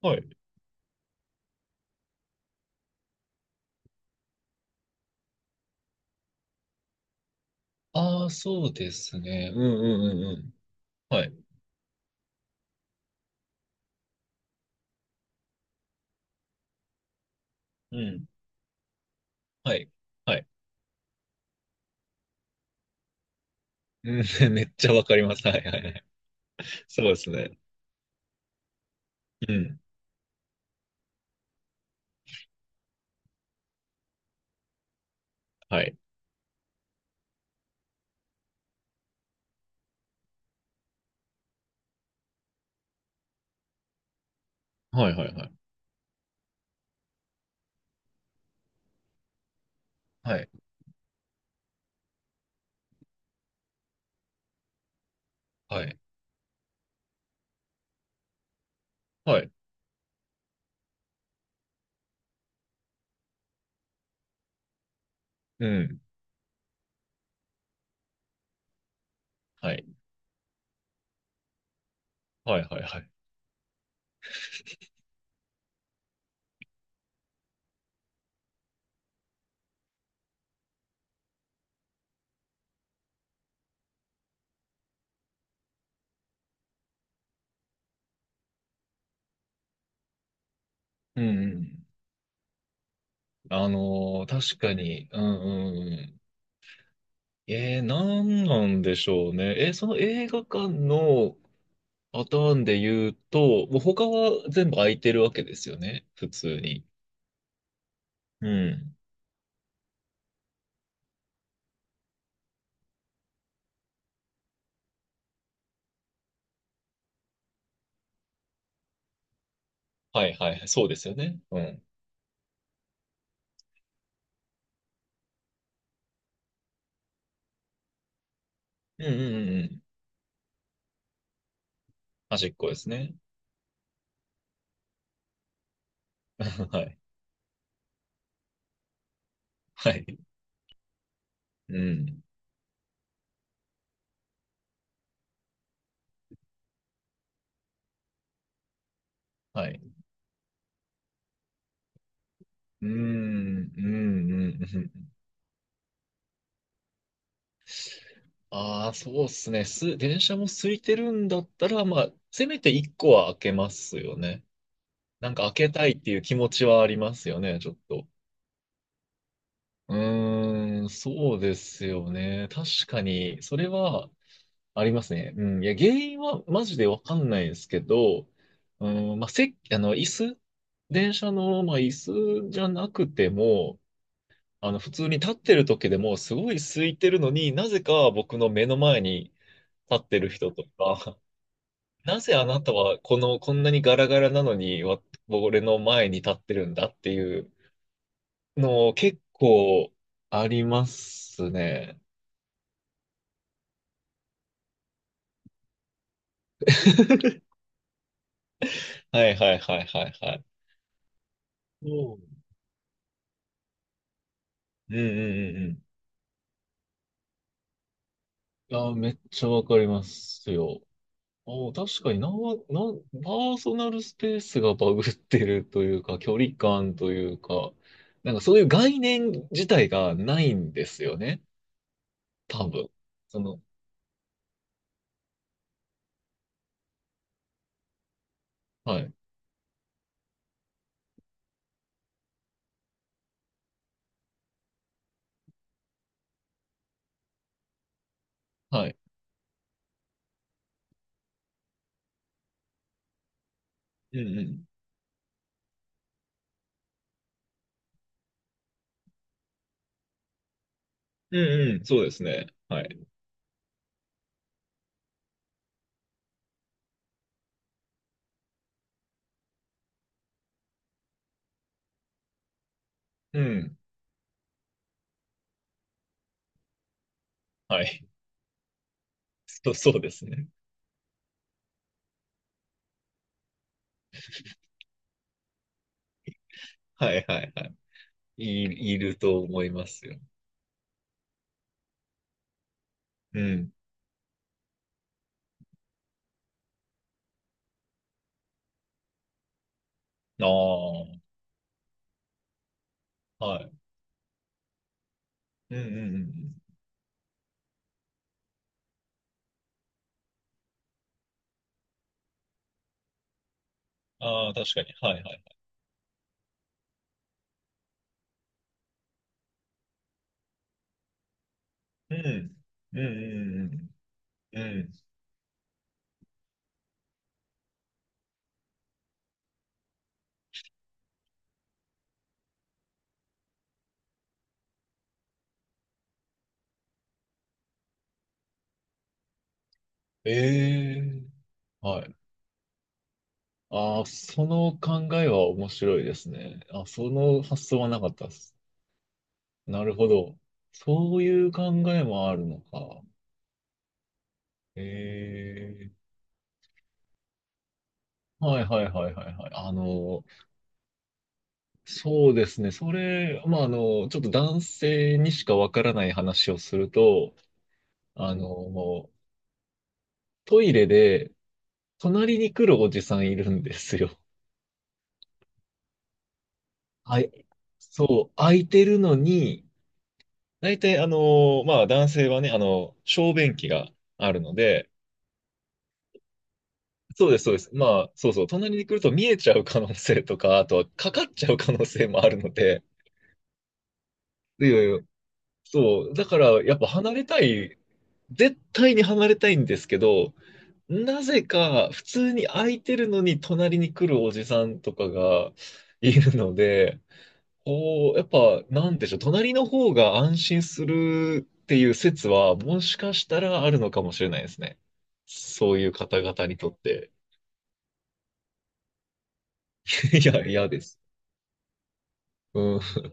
はい。ああ、そうですね。うんうんうんうん。はい。うん。はい。はい。うん、めっちゃわかります。はいはいはい。そうですね。うん。はい。はいはいはい。はい。はい。はい。うん。はい。はいはいはい。うんうん。確かに。うんうんうん。なんなんでしょうね。その映画館のパターンで言うと、もう他は全部空いてるわけですよね。普通に。うん。はいはいはい。そうですよね。うん。うんうんうんうん。端っこですね。はい。はい。うん。はい。うーん、うん、うん。ああ、そうっすね。電車も空いてるんだったら、まあ、せめて一個は開けますよね。なんか開けたいっていう気持ちはありますよね、ちょっと。うーん、そうですよね。確かに、それはありますね。うん。いや、原因はマジでわかんないですけど、うん、まあ、せあの、椅子、電車の、まあ、椅子じゃなくても、普通に立ってる時でも、すごい空いてるのになぜか僕の目の前に立ってる人とか、なぜあなたはこの、こんなにガラガラなのに、俺の前に立ってるんだっていうの結構ありますね。はいはいはいはいはい。そううんうんうんうん。いや、めっちゃわかりますよ。ああ、確かにパーソナルスペースがバグってるというか、距離感というか、なんかそういう概念自体がないんですよね。多分。その、はい、はい。うんうん。うんうん、そうですね。はい。うん、はい。そう、そうですね。はい、はい、はい。いると思いますよ。うん。ああ、はい。うんうんうんうん。ああ、確かに。はい、はい。うん。うんうんうんうん。うん。ええはい。ああ、その考えは面白いですね。あ、その発想はなかったです。なるほど。そういう考えもあるのか。ええはいはいはいはいはい。そうですね。それ、まあ、ちょっと男性にしかわからない話をすると、もうトイレで隣に来るおじさんいるんですよ。はい。そう、空いてるのに、大体、まあ、男性はね、小便器があるので、そうです、そうです。まあ、そうそう、隣に来ると見えちゃう可能性とか、あとはかかっちゃう可能性もあるので、いやいや、そう、だから、やっぱ離れたい、絶対に離れたいんですけど、なぜか、普通に空いてるのに隣に来るおじさんとかがいるので、おーやっぱ、なんでしょう、隣の方が安心するっていう説は、もしかしたらあるのかもしれないですね。そういう方々にとって。いや、嫌です。うん。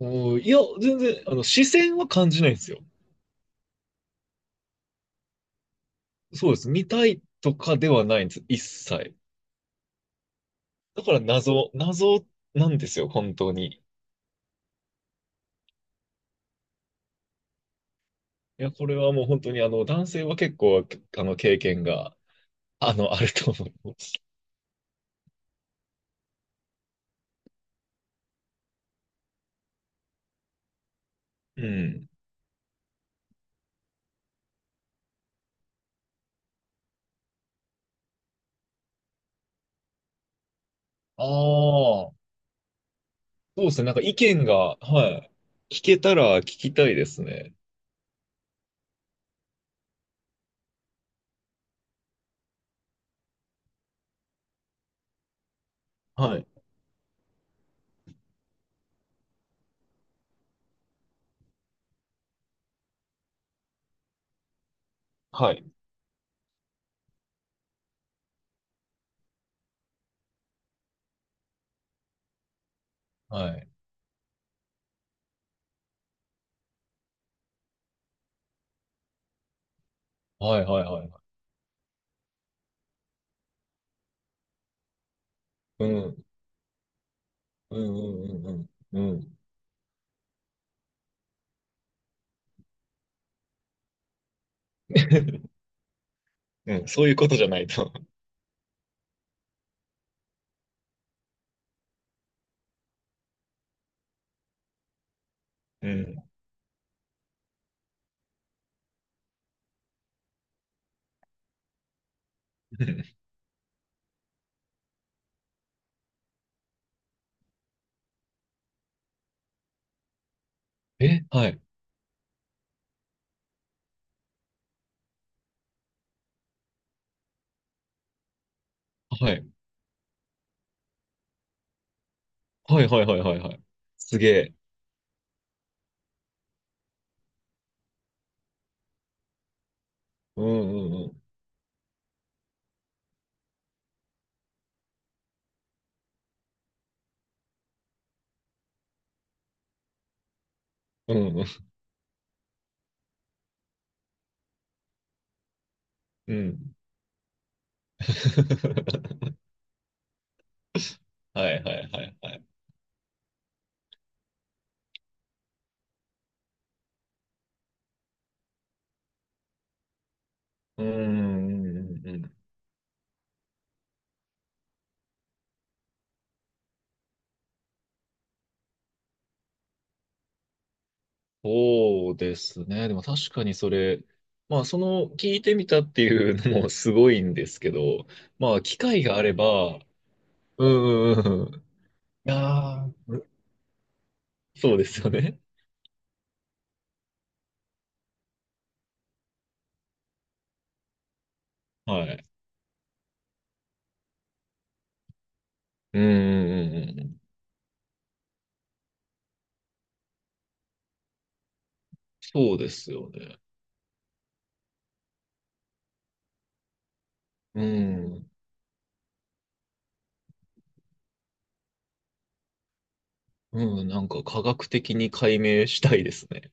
おーいや、全然、視線は感じないんですよ。そうです。見たいとかではないんです。一切。だから謎なんですよ、本当に。いや、これはもう本当に、男性は結構、経験が、あると思います。うん。ああ。そうですね。なんか意見が、はい。聞けたら聞きたいですね。はい。はい。はい。はいはいはい。うん。うんうんうんうん。うん。うん、そういうことじゃないと。うん。え、はい。はい。はいはいはいはいはい。すげえ。うんうんうん。うんうん。うん はいはいはいはい。うんうんうんうん。そうですね。でも確かにそれ、まあその聞いてみたっていうのもすごいんですけど、まあ機会があれば、うんうんうんうん。いやー、そうですよね。はい。うんうんうんうん。そうですよね。うん。うん、なんか科学的に解明したいですね。